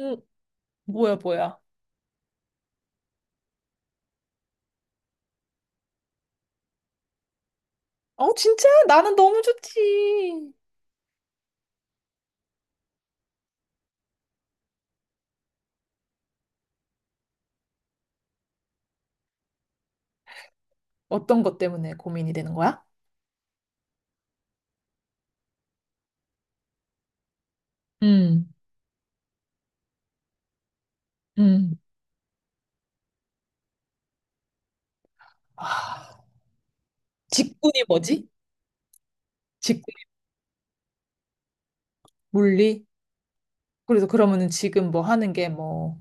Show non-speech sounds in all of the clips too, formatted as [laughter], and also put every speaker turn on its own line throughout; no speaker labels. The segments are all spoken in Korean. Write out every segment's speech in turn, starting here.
음, 뭐야, 뭐야. 어, 진짜? 나는 너무 좋지. 어떤 것 때문에 고민이 되는 거야? 음, 음. 아, 직군이 뭐지? 직군 물리? 그래서 그러면은 지금 뭐 하는 게 뭐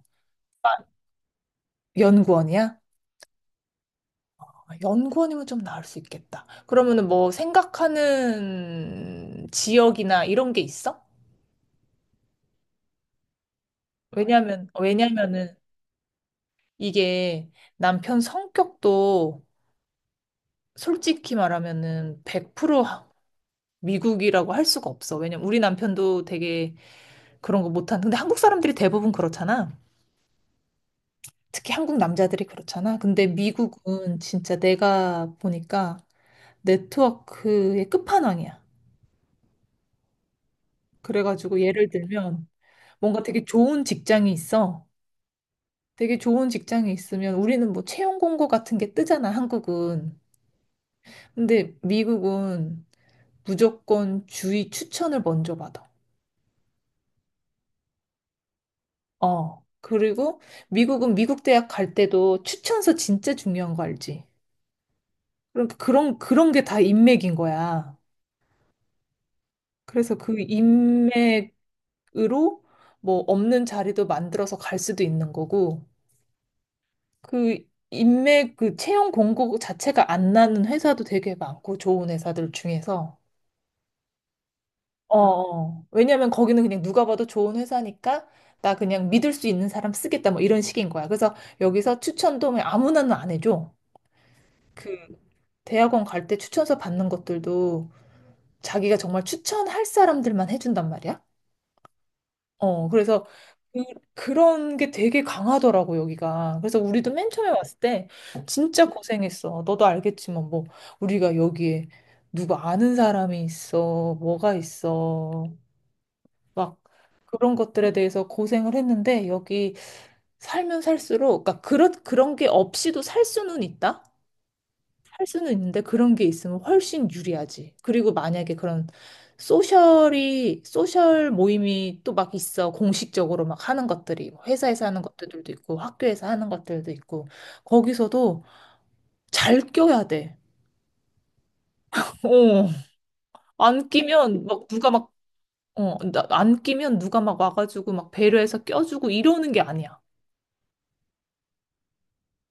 연구원이야? 아, 연구원이면 좀 나을 수 있겠다. 그러면은 뭐 생각하는 지역이나 이런 게 있어? 왜냐면은 이게 남편 성격도 솔직히 말하면은 100% 미국이라고 할 수가 없어. 왜냐면 우리 남편도 되게 그런 거 못한. 근데 한국 사람들이 대부분 그렇잖아. 특히 한국 남자들이 그렇잖아. 근데 미국은 진짜 내가 보니까 네트워크의 끝판왕이야. 그래가지고 예를 들면 뭔가 되게 좋은 직장이 있어. 되게 좋은 직장이 있으면 우리는 뭐 채용 공고 같은 게 뜨잖아, 한국은. 근데 미국은 무조건 주위 추천을 먼저 받아. 어. 그리고 미국은 미국 대학 갈 때도 추천서 진짜 중요한 거 알지? 그럼 그런 게 다 인맥인 거야. 그래서 그 인맥으로 뭐 없는 자리도 만들어서 갈 수도 있는 거고 그 인맥 그 채용 공고 자체가 안 나는 회사도 되게 많고 좋은 회사들 중에서 어, 어. 왜냐면 거기는 그냥 누가 봐도 좋은 회사니까 나 그냥 믿을 수 있는 사람 쓰겠다 뭐 이런 식인 거야. 그래서 여기서 추천도 아무나는 안 해줘. 그 대학원 갈 때 추천서 받는 것들도 자기가 정말 추천할 사람들만 해준단 말이야. 어, 그래서 그, 그런 게 되게 강하더라고, 여기가. 그래서 우리도 맨 처음에 왔을 때 진짜 고생했어. 너도 알겠지만, 뭐, 우리가 여기에 누구 아는 사람이 있어, 뭐가 있어, 막 그런 것들에 대해서 고생을 했는데, 여기 살면 살수록, 그러니까 그런 게 없이도 살 수는 있다? 할 수는 있는데 그런 게 있으면 훨씬 유리하지. 그리고 만약에 그런 소셜이, 소셜 모임이 또 막 있어. 공식적으로 막 하는 것들이. 뭐 회사에서 하는 것들도 있고, 학교에서 하는 것들도 있고. 거기서도 잘 껴야 돼. 어. 안 끼면 막 누가 막, 어, 안 끼면 누가 막 와가지고 막 배려해서 껴주고 이러는 게 아니야.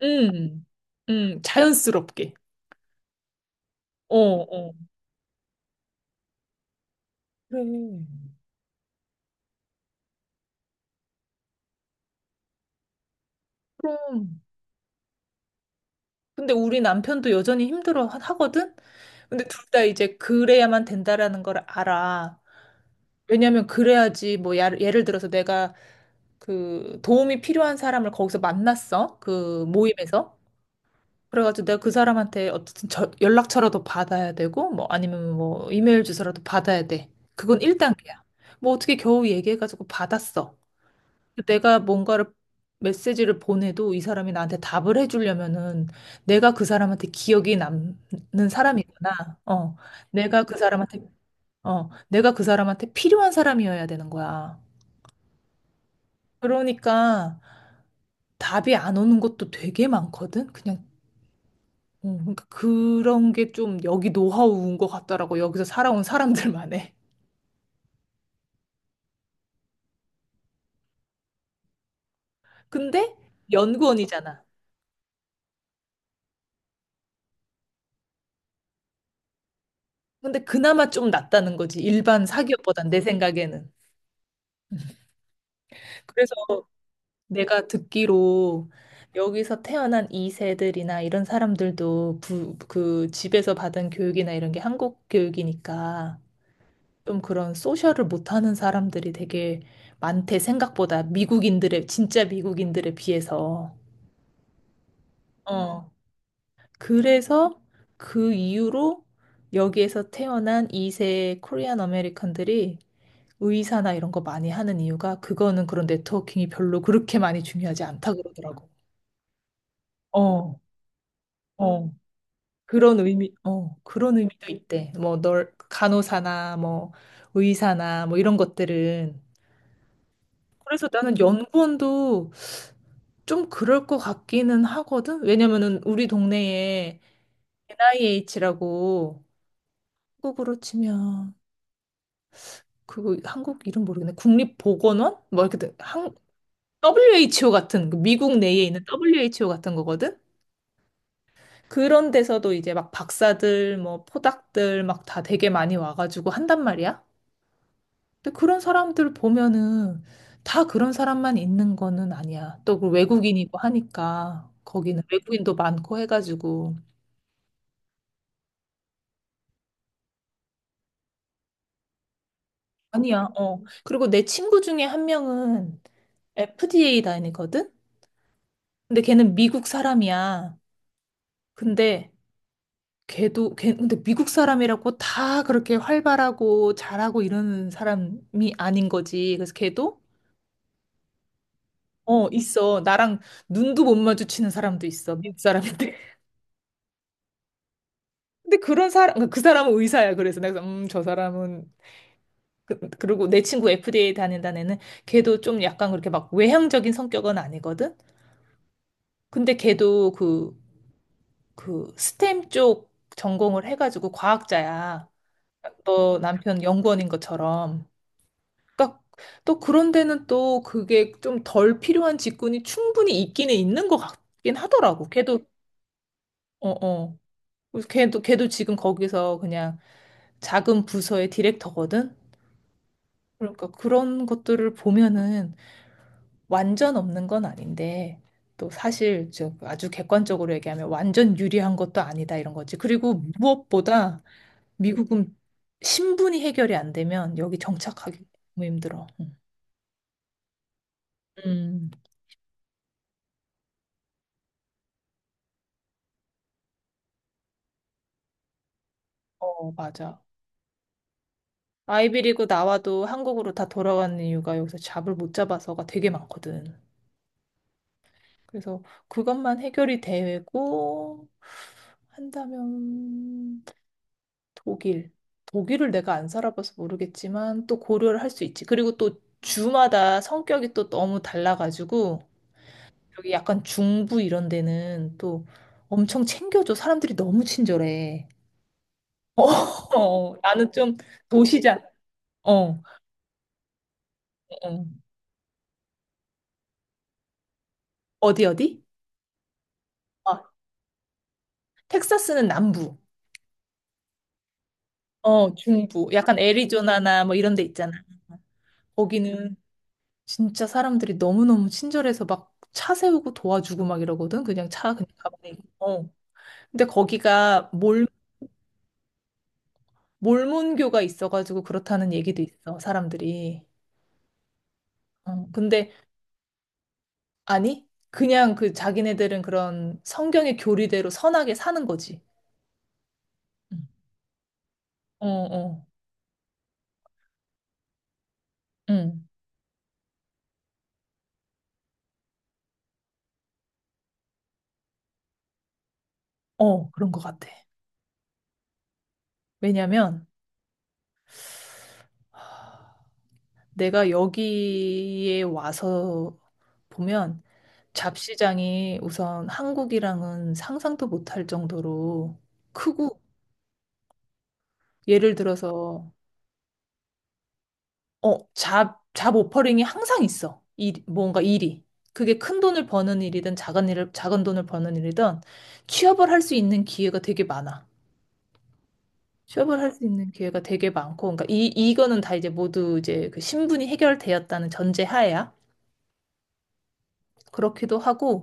음, 자연스럽게. 어, 어. 그래. 그럼. 근데 우리 남편도 여전히 힘들어 하거든? 근데 둘 다 이제 그래야만 된다라는 걸 알아. 왜냐면 그래야지 뭐 예를 들어서 내가 그 도움이 필요한 사람을 거기서 만났어. 그 모임에서. 그래가지고 내가 그 사람한테 어쨌든 연락처라도 받아야 되고 뭐 아니면 뭐 이메일 주소라도 받아야 돼. 그건 1단계야. 뭐 어떻게 겨우 얘기해가지고 받았어. 내가 뭔가를 메시지를 보내도 이 사람이 나한테 답을 해주려면은 내가 그 사람한테 기억이 남는 사람이구나. 어, 내가 그 사람한테 어, 내가 그 사람한테 필요한 사람이어야 되는 거야. 그러니까 답이 안 오는 것도 되게 많거든. 그냥 그러니까 그런 게 좀 여기 노하우인 것 같더라고. 여기서 살아온 사람들만의. 근데 연구원이잖아. 근데 그나마 좀 낫다는 거지. 일반 사기업보단 내 생각에는. 그래서 내가 듣기로 여기서 태어난 이세들이나 이런 사람들도 부, 그 집에서 받은 교육이나 이런 게 한국 교육이니까 좀 그런 소셜을 못하는 사람들이 되게 많대, 생각보다. 미국인들의, 진짜 미국인들에 비해서. 어. 그래서 그 이후로 여기에서 태어난 이세 코리안 아메리칸들이 의사나 이런 거 많이 하는 이유가 그거는 그런 네트워킹이 별로 그렇게 많이 중요하지 않다 그러더라고. 어, 어. 그런 의미, 어, 그런 의미도 있대. 뭐, 널, 간호사나, 뭐, 의사나, 뭐, 이런 것들은. 그래서 나는 연구원도 좀 그럴 것 같기는 하거든? 왜냐면은 우리 동네에 NIH라고 한국으로 치면, 그거 한국 이름 모르겠네. 국립보건원? 뭐, 이렇게 돼. 한, WHO 같은, 그 미국 내에 있는 WHO 같은 거거든? 그런 데서도 이제 막 박사들, 뭐, 포닥들 막 다 되게 많이 와가지고 한단 말이야. 근데 그런 사람들 보면은 다 그런 사람만 있는 거는 아니야. 또그 외국인이고 하니까 거기는 외국인도 많고 해가지고 아니야. 어. 그리고 내 친구 중에 한 명은 FDA 다니거든. 근데 걔는 미국 사람이야. 근데 걔도 걔 근데 미국 사람이라고 다 그렇게 활발하고 잘하고 이러는 사람이 아닌 거지. 그래서 걔도 어 있어. 나랑 눈도 못 마주치는 사람도 있어. 미국 사람인데. 근데 그런 사람, 그러니까 그 사람은 의사야. 그래서 내가, 저 사람은, 그, 그리고 내 친구 FDA 다닌다는 애는 걔도 좀 약간 그렇게 막 외향적인 성격은 아니거든? 근데 걔도 그, 그 스템 쪽 전공을 해가지고 과학자야. 너 남편 연구원인 것처럼. 그러니까 또 그런 데는 또 그게 좀 덜 필요한 직군이 충분히 있기는 있는 것 같긴 하더라고. 걔도, 어, 어. 그래서 걔도 지금 거기서 그냥 작은 부서의 디렉터거든? 그러니까 그런 것들을 보면은 완전 없는 건 아닌데 또 사실 저 아주 객관적으로 얘기하면 완전 유리한 것도 아니다 이런 거지. 그리고 무엇보다 미국은 신분이 해결이 안 되면 여기 정착하기 너무 힘들어. 응. 음, 어, 맞아. 아이비리그 나와도 한국으로 다 돌아가는 이유가 여기서 잡을 못 잡아서가 되게 많거든. 그래서 그것만 해결이 되고 한다면 독일. 독일을 내가 안 살아봐서 모르겠지만 또 고려를 할 수 있지. 그리고 또 주마다 성격이 또 너무 달라가지고 여기 약간 중부 이런 데는 또 엄청 챙겨줘. 사람들이 너무 친절해. 어, [laughs] 어, 나는 좀 도시자. 어, 어. 어디 어디? 아, 텍사스는 남부. 어, 중부. 약간 애리조나나 뭐 이런 데 있잖아. 거기는 진짜 사람들이 너무너무 친절해서 막 차 세우고 도와주고 막 이러거든. 그냥 차 그냥 가만히. 있고. 근데 몰몬교가 있어가지고 그렇다는 얘기도 있어, 사람들이. 어, 근데, 아니, 그냥 그 자기네들은 그런 성경의 교리대로 선하게 사는 거지. 응. 어, 어, 응. 어, 그런 것 같아. 왜냐면 내가 여기에 와서 보면 잡시장이 우선 한국이랑은 상상도 못할 정도로 크고, 예를 들어서 어, 잡 오퍼링이 항상 있어. 일, 뭔가 일이. 그게 큰 돈을 버는 일이든 작은 일을, 작은 돈을 버는 일이든 취업을 할 수 있는 기회가 되게 많아. 취업을 할 수 있는 기회가 되게 많고, 그러니까 이거는 다 이제 모두 이제 그 신분이 해결되었다는 전제 하에야. 그렇기도 하고,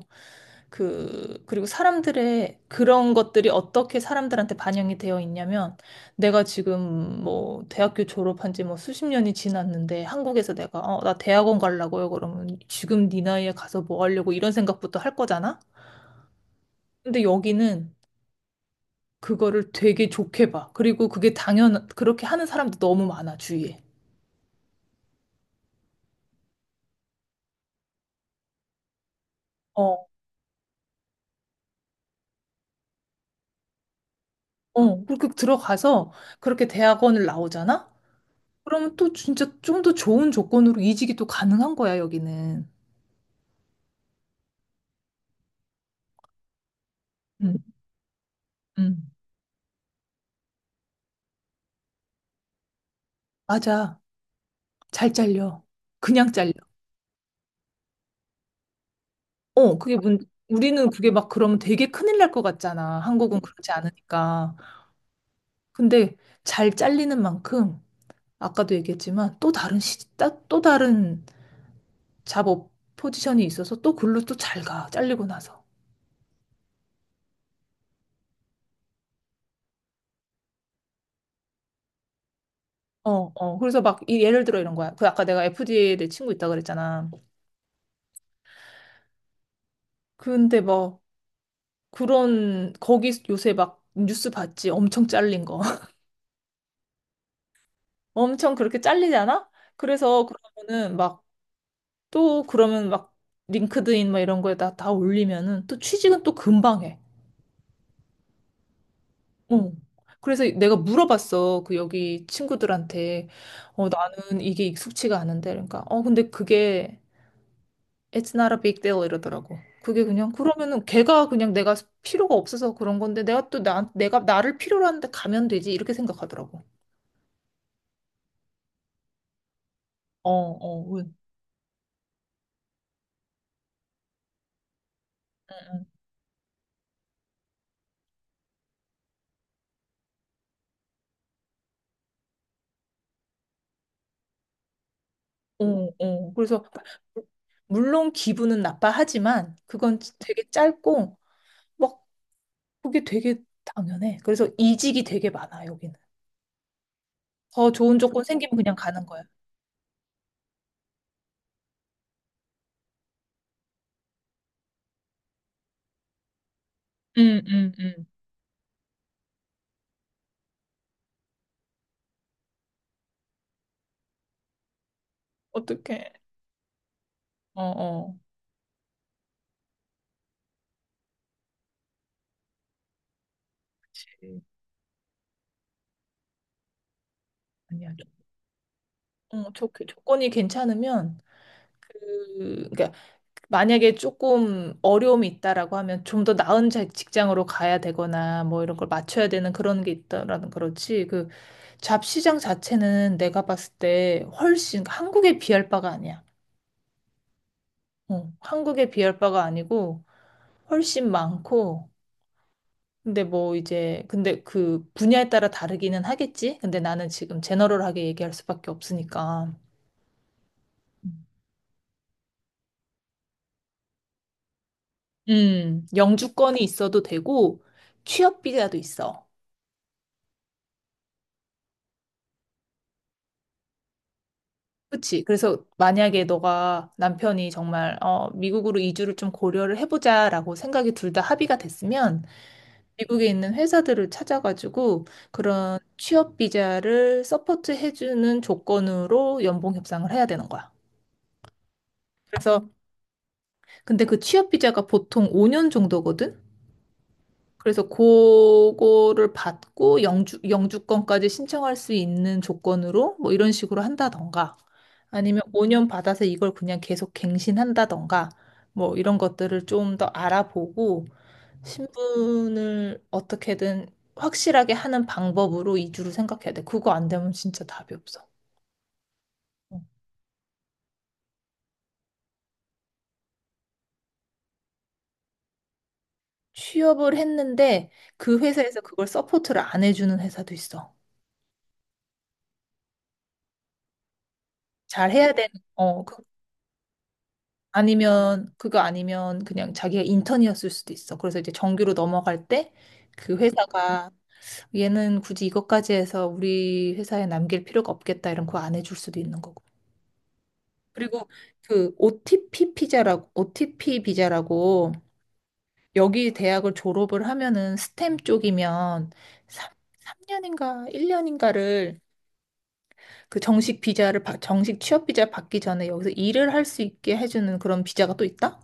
그, 그리고 사람들의 그런 것들이 어떻게 사람들한테 반영이 되어 있냐면, 내가 지금 뭐 대학교 졸업한 지 뭐 수십 년이 지났는데, 한국에서 내가, 어, 나 대학원 가려고요. 그러면 지금 네 나이에 가서 뭐 하려고 이런 생각부터 할 거잖아? 근데 여기는 그거를 되게 좋게 봐. 그리고 그게 당연, 그렇게 하는 사람도 너무 많아, 주위에. 어, 어, 그렇게 들어가서 그렇게 대학원을 나오잖아? 그러면 또 진짜 좀 더 좋은 조건으로 이직이 또 가능한 거야, 여기는. 음, 음. 맞아. 잘 잘려. 그냥 잘려. 어, 그게 문, 우리는 그게 막 그러면 되게 큰일 날 것 같잖아. 한국은 그렇지 않으니까. 근데 잘 잘리는 만큼, 아까도 얘기했지만 또 다른 또 다른 잡업 포지션이 있어서 또 글로 또 잘 가. 잘리고 나서. 어, 어. 그래서 막 예를 들어 이런 거야. 그 아까 내가 FDA 내 친구 있다 그랬잖아. 근데 뭐 그런 거기 요새 막 뉴스 봤지 엄청 잘린 거 [laughs] 엄청 그렇게 잘리잖아. 그래서 그러면은 막 또 그러면 막 링크드인 막 이런 거에다 다 올리면은 또 취직은 또 금방 해. 어. 그래서 내가 물어봤어 그 여기 친구들한테. 어 나는 이게 익숙치가 않은데 그러니까 어 근데 그게 It's not a big deal 이러더라고. 그게 그냥 그러면은 걔가 그냥 내가 필요가 없어서 그런 건데 내가 또 내가 나를 필요로 하는데 가면 되지 이렇게 생각하더라고. 어, 어. 어, 어. 그래서 물론 기분은 나빠하지만 그건 되게 짧고 막 그게 되게 당연해. 그래서 이직이 되게 많아 여기는. 더 좋은 조건 생기면 그냥 가는 거야. 응, 응, 응. 어떡해. 어, 어. 그치. 아니야. 어, 조건이 괜찮으면 그 그러니까 만약에 조금 어려움이 있다라고 하면 좀 더 나은 직장으로 가야 되거나 뭐 이런 걸 맞춰야 되는 그런 게 있다라는 그렇지. 잡시장 자체는 내가 봤을 때 훨씬 한국에 비할 바가 아니야. 어, 한국에 비할 바가 아니고 훨씬 많고 근데 뭐 이제 근데 그 분야에 따라 다르기는 하겠지. 근데 나는 지금 제너럴하게 얘기할 수밖에 없으니까. 영주권이 있어도 되고 취업 비자도 있어. 그치? 그래서 만약에 너가 남편이 정말 어, 미국으로 이주를 좀 고려를 해보자라고 생각이 둘 다 합의가 됐으면 미국에 있는 회사들을 찾아가지고 그런 취업 비자를 서포트 해주는 조건으로 연봉 협상을 해야 되는 거야. 그래서 근데 그 취업 비자가 보통 5년 정도거든. 그래서 그거를 받고 영주 영주권까지 신청할 수 있는 조건으로 뭐 이런 식으로 한다던가 아니면 5년 받아서 이걸 그냥 계속 갱신한다던가 뭐 이런 것들을 좀 더 알아보고 신분을 어떻게든 확실하게 하는 방법으로 이주를 생각해야 돼. 그거 안 되면 진짜 답이 없어. 어. 취업을 했는데 그 회사에서 그걸 서포트를 안 해주는 회사도 있어. 잘 해야 되는, 어, 그- 아니면, 그거 아니면 그냥 자기가 인턴이었을 수도 있어. 그래서 이제 정규로 넘어갈 때 그 회사가 얘는 굳이 이것까지 해서 우리 회사에 남길 필요가 없겠다 이런 거 안 해줄 수도 있는 거고. 그리고 그 OTP 피자라고, OTP 비자라고 여기 대학을 졸업을 하면은 스템 쪽이면 3, 년인가 1년인가를 그 정식 비자를 정식 취업 비자 받기 전에 여기서 일을 할 수 있게 해주는 그런 비자가 또 있다?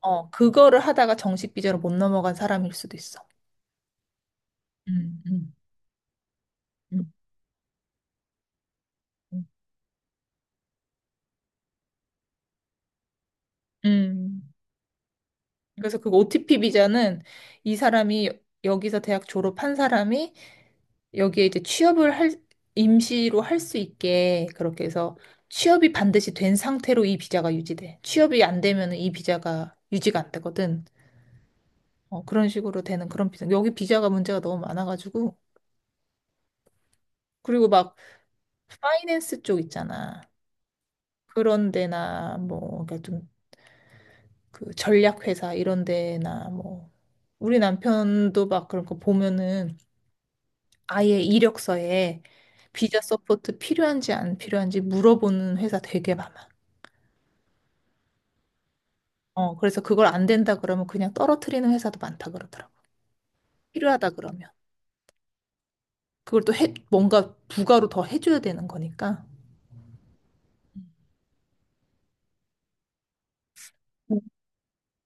어, 그거를 하다가 정식 비자로 못 넘어간 사람일 수도 있어. 음, 음, 음, 음. 음. 그래서 그 OTP 비자는 이 사람이 여기서 대학 졸업한 사람이 여기에 이제 취업을 할, 임시로 할 수 있게 그렇게 해서 취업이 반드시 된 상태로 이 비자가 유지돼. 취업이 안 되면 이 비자가 유지가 안 되거든. 어, 그런 식으로 되는 그런 비자. 여기 비자가 문제가 너무 많아가지고. 그리고 막 파이낸스 쪽 있잖아. 그런 데나 뭐, 그러니까 좀 그 전략회사 이런 데나 뭐. 우리 남편도 막 그런 거 보면은 아예 이력서에 비자 서포트 필요한지 안 필요한지 물어보는 회사 되게 많아. 어, 그래서 그걸 안 된다 그러면 그냥 떨어뜨리는 회사도 많다 그러더라고. 필요하다 그러면. 그걸 또 해, 뭔가 부가로 더 해줘야 되는 거니까. 음.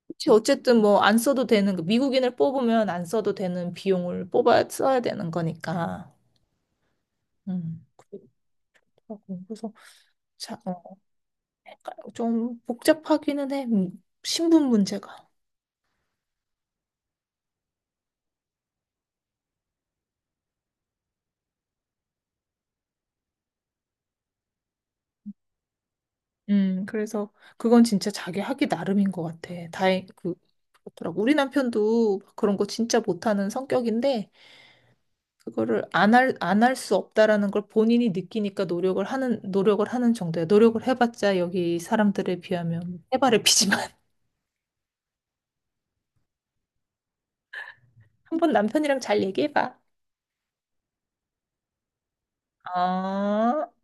그치, 어쨌든 뭐 안 써도 되는, 거, 미국인을 뽑으면 안 써도 되는 비용을 뽑아 써야 되는 거니까. 음, 그렇더라고. 그래서 자, 어, 좀 복잡하기는 해. 신분 문제가. 그래서 그건 진짜 자기 하기 나름인 것 같아. 다행, 그, 그렇더라고. 우리 남편도 그런 거 진짜 못하는 성격인데, 그거를 안 할, 안 할 수 없다라는 걸 본인이 느끼니까 노력을 하는, 노력을 하는 정도야. 노력을 해봤자 여기 사람들에 비하면 해바라피지만. [laughs] 한번 남편이랑 잘 얘기해봐. 아.